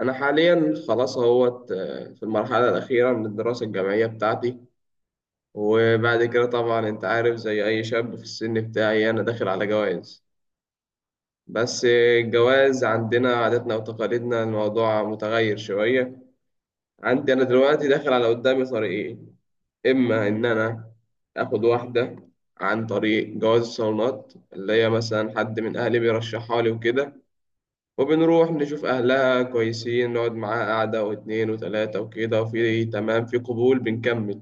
أنا حاليا خلاص اهوت في المرحلة الأخيرة من الدراسة الجامعية بتاعتي. وبعد كده طبعا أنت عارف زي أي شاب في السن بتاعي أنا داخل على جواز. بس الجواز عندنا عاداتنا وتقاليدنا، الموضوع متغير شوية. عندي أنا دلوقتي داخل، على قدامي طريقين: إما إن أنا آخد واحدة عن طريق جواز الصالونات، اللي هي مثلا حد من أهلي بيرشحها لي وكده، وبنروح نشوف أهلها كويسين، نقعد معاها قعدة واتنين وتلاتة وكده، وفي تمام في قبول بنكمل.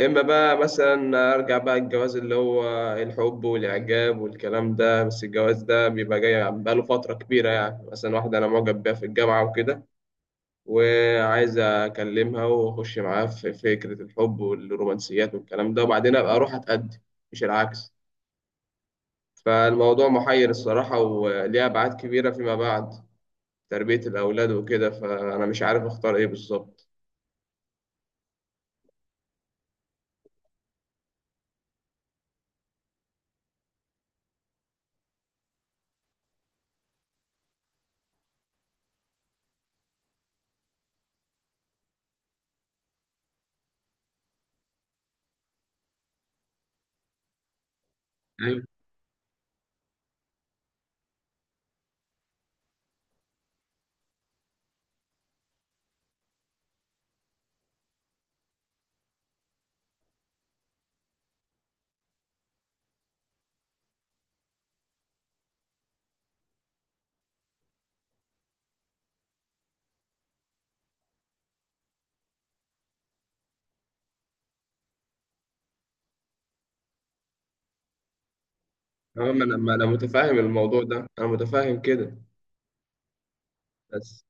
إما بقى مثلا أرجع بقى الجواز اللي هو الحب والإعجاب والكلام ده، بس الجواز ده بيبقى جاي بقاله فترة كبيرة، يعني مثلا واحدة أنا معجب بيها في الجامعة وكده، وعايز أكلمها وأخش معاها في فكرة الحب والرومانسيات والكلام ده، وبعدين أبقى أروح أتقدم، مش العكس. فالموضوع محير الصراحة، وليه أبعاد كبيرة فيما بعد، تربية الأولاد وكده، فأنا مش عارف أختار إيه بالظبط. أيوة. أه، ما أنا متفاهم الموضوع ده، أنا متفاهم كده. بس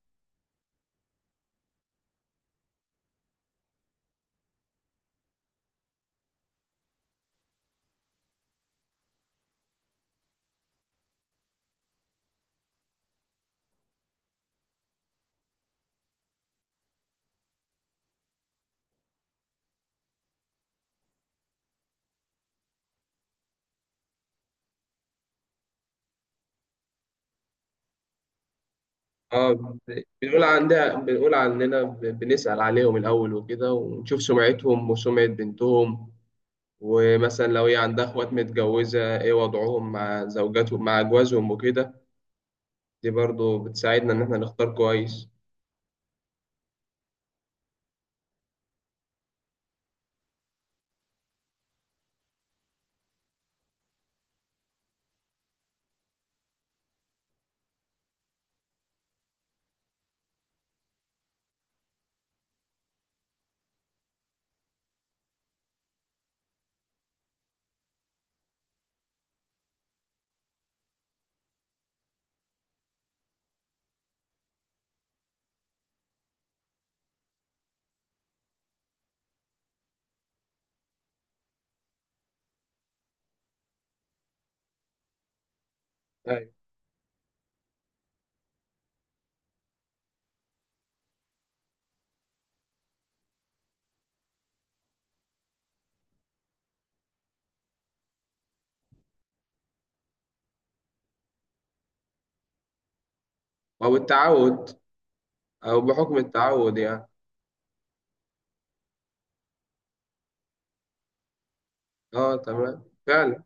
أه، بنقول عندها، بنقول عننا، بنسأل عليهم الأول وكده، ونشوف سمعتهم وسمعة بنتهم، ومثلا لو هي عندها إخوات متجوزة إيه وضعهم مع زوجاتهم مع أجوازهم وكده. دي برضو بتساعدنا إن إحنا نختار كويس. أيوة. أو التعود، أو بحكم التعود يعني. أه، تمام فعلا.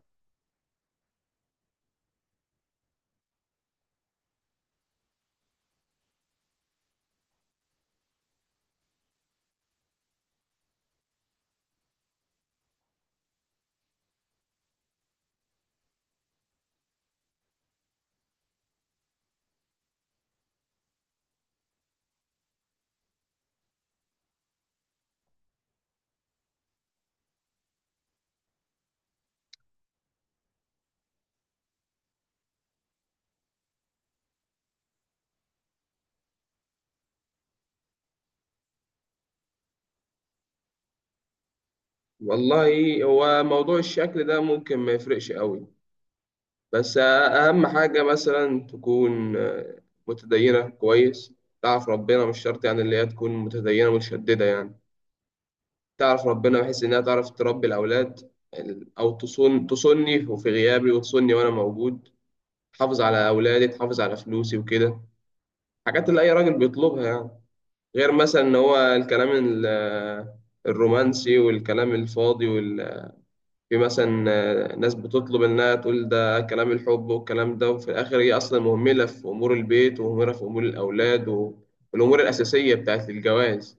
والله هو موضوع الشكل ده ممكن ما يفرقش قوي، بس أهم حاجة مثلا تكون متدينة كويس، تعرف ربنا. مش شرط يعني اللي هي تكون متدينة متشددة، يعني تعرف ربنا بحيث إنها تعرف تربي الأولاد، أو تصون، تصوني وفي غيابي وتصوني وأنا موجود، تحافظ على أولادي، تحافظ على فلوسي وكده. حاجات اللي أي راجل بيطلبها يعني. غير مثلا إن هو الكلام الرومانسي والكلام الفاضي وال في مثلا، ناس بتطلب انها تقول ده كلام الحب والكلام ده، وفي الاخر هي اصلا مهمله في امور البيت، ومهمله في امور الاولاد والامور الاساسيه بتاعت الجواز.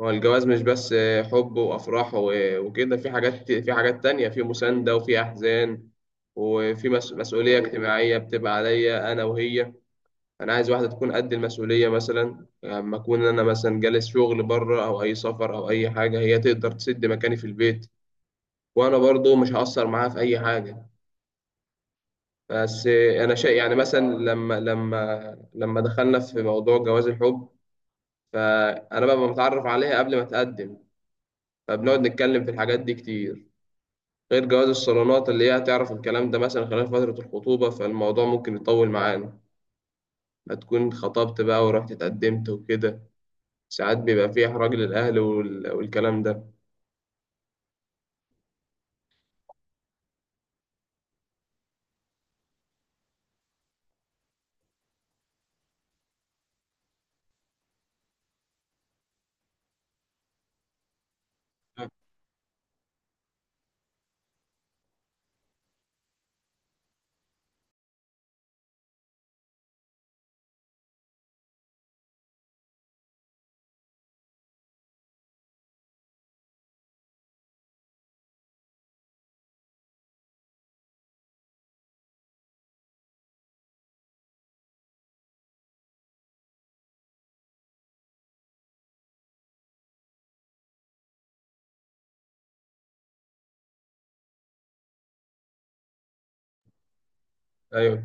هو الجواز مش بس حب وافراح وكده، في حاجات، في حاجات تانية، في مسانده وفي احزان، وفي مسؤوليه اجتماعيه بتبقى عليا انا وهي. انا عايز واحده تكون قد المسؤوليه، مثلا لما اكون انا مثلا جالس شغل بره، او اي سفر او اي حاجه، هي تقدر تسد مكاني في البيت، وانا برضو مش هأثر معاها في اي حاجه. بس انا شيء يعني، مثلا لما دخلنا في موضوع جواز الحب، فانا بقى متعرف عليها قبل ما اتقدم، فبنقعد نتكلم في الحاجات دي كتير. غير جواز الصالونات اللي هي هتعرف الكلام ده مثلا خلال فتره الخطوبه، فالموضوع ممكن يطول معانا، ما تكون خطبت بقى ورحت اتقدمت وكده. ساعات بيبقى فيه احراج للاهل والكلام ده. ايوه.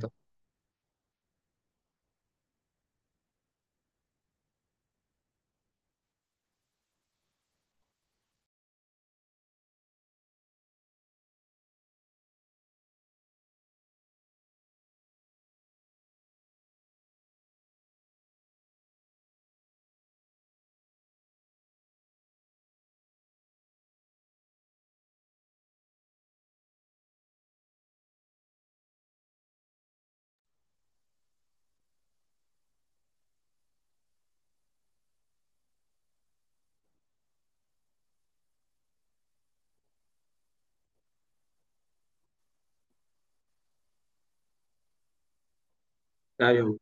ايوه.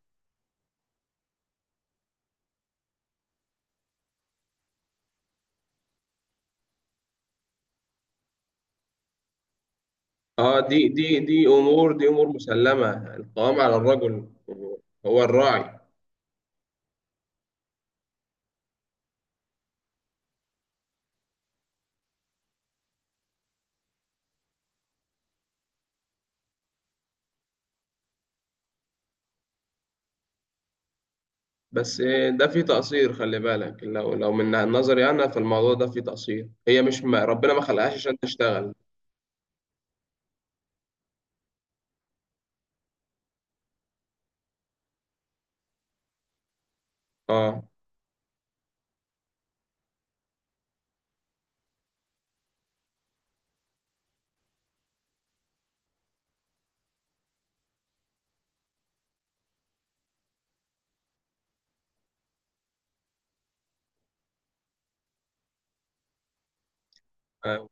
اه، دي امور مسلمه، القوام على الرجل، هو الراعي. بس ده في تقصير، خلي بالك، لو من نظري انا فالموضوع ده في تقصير، هي مش، ما ربنا ما خلقهاش عشان تشتغل. اه. آه،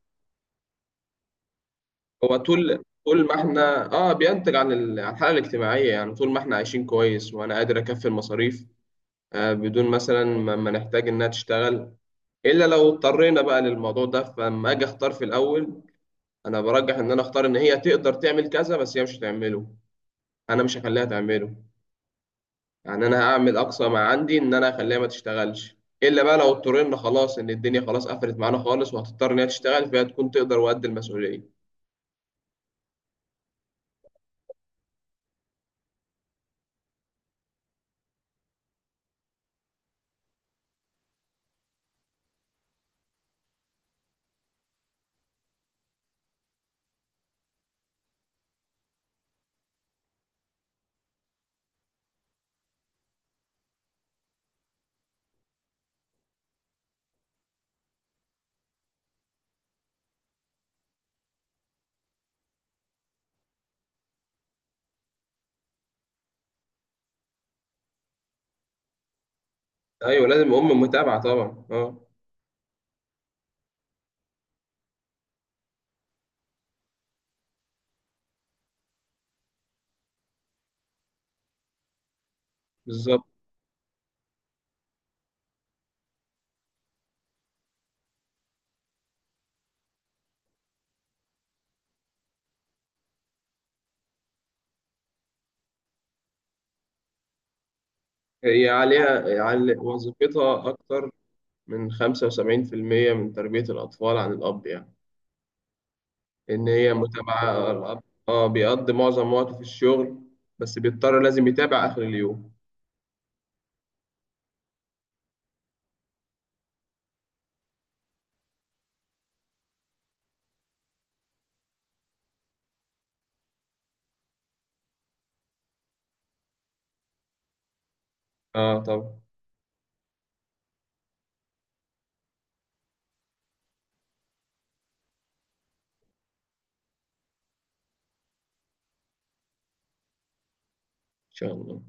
هو طول ما احنا اه بينتج عن عن الحاله الاجتماعيه، يعني طول ما احنا عايشين كويس وانا قادر اكفي المصاريف، آه بدون مثلا ما نحتاج انها تشتغل، الا لو اضطرينا بقى للموضوع ده. فلما اجي اختار في الاول، انا برجح ان انا اختار ان هي تقدر تعمل كذا، بس هي مش هتعمله، انا مش هخليها تعمله. يعني انا هعمل اقصى ما عندي ان انا اخليها ما تشتغلش، الا بقى لو اضطرينا خلاص، ان الدنيا خلاص قفلت معانا خالص وهتضطر ان هي تشتغل، فهي تكون تقدر وقد المسؤوليه. ايوه، لازم ام متابعه طبعا، اه. بالظبط، هي عليها على وظيفتها اكتر من 75% من تربيه الاطفال عن الاب يعني. ان هي متابعه الاب. اه، بيقضي معظم وقته في الشغل، بس بيضطر لازم يتابع اخر اليوم. اه طبعا، ان شاء الله.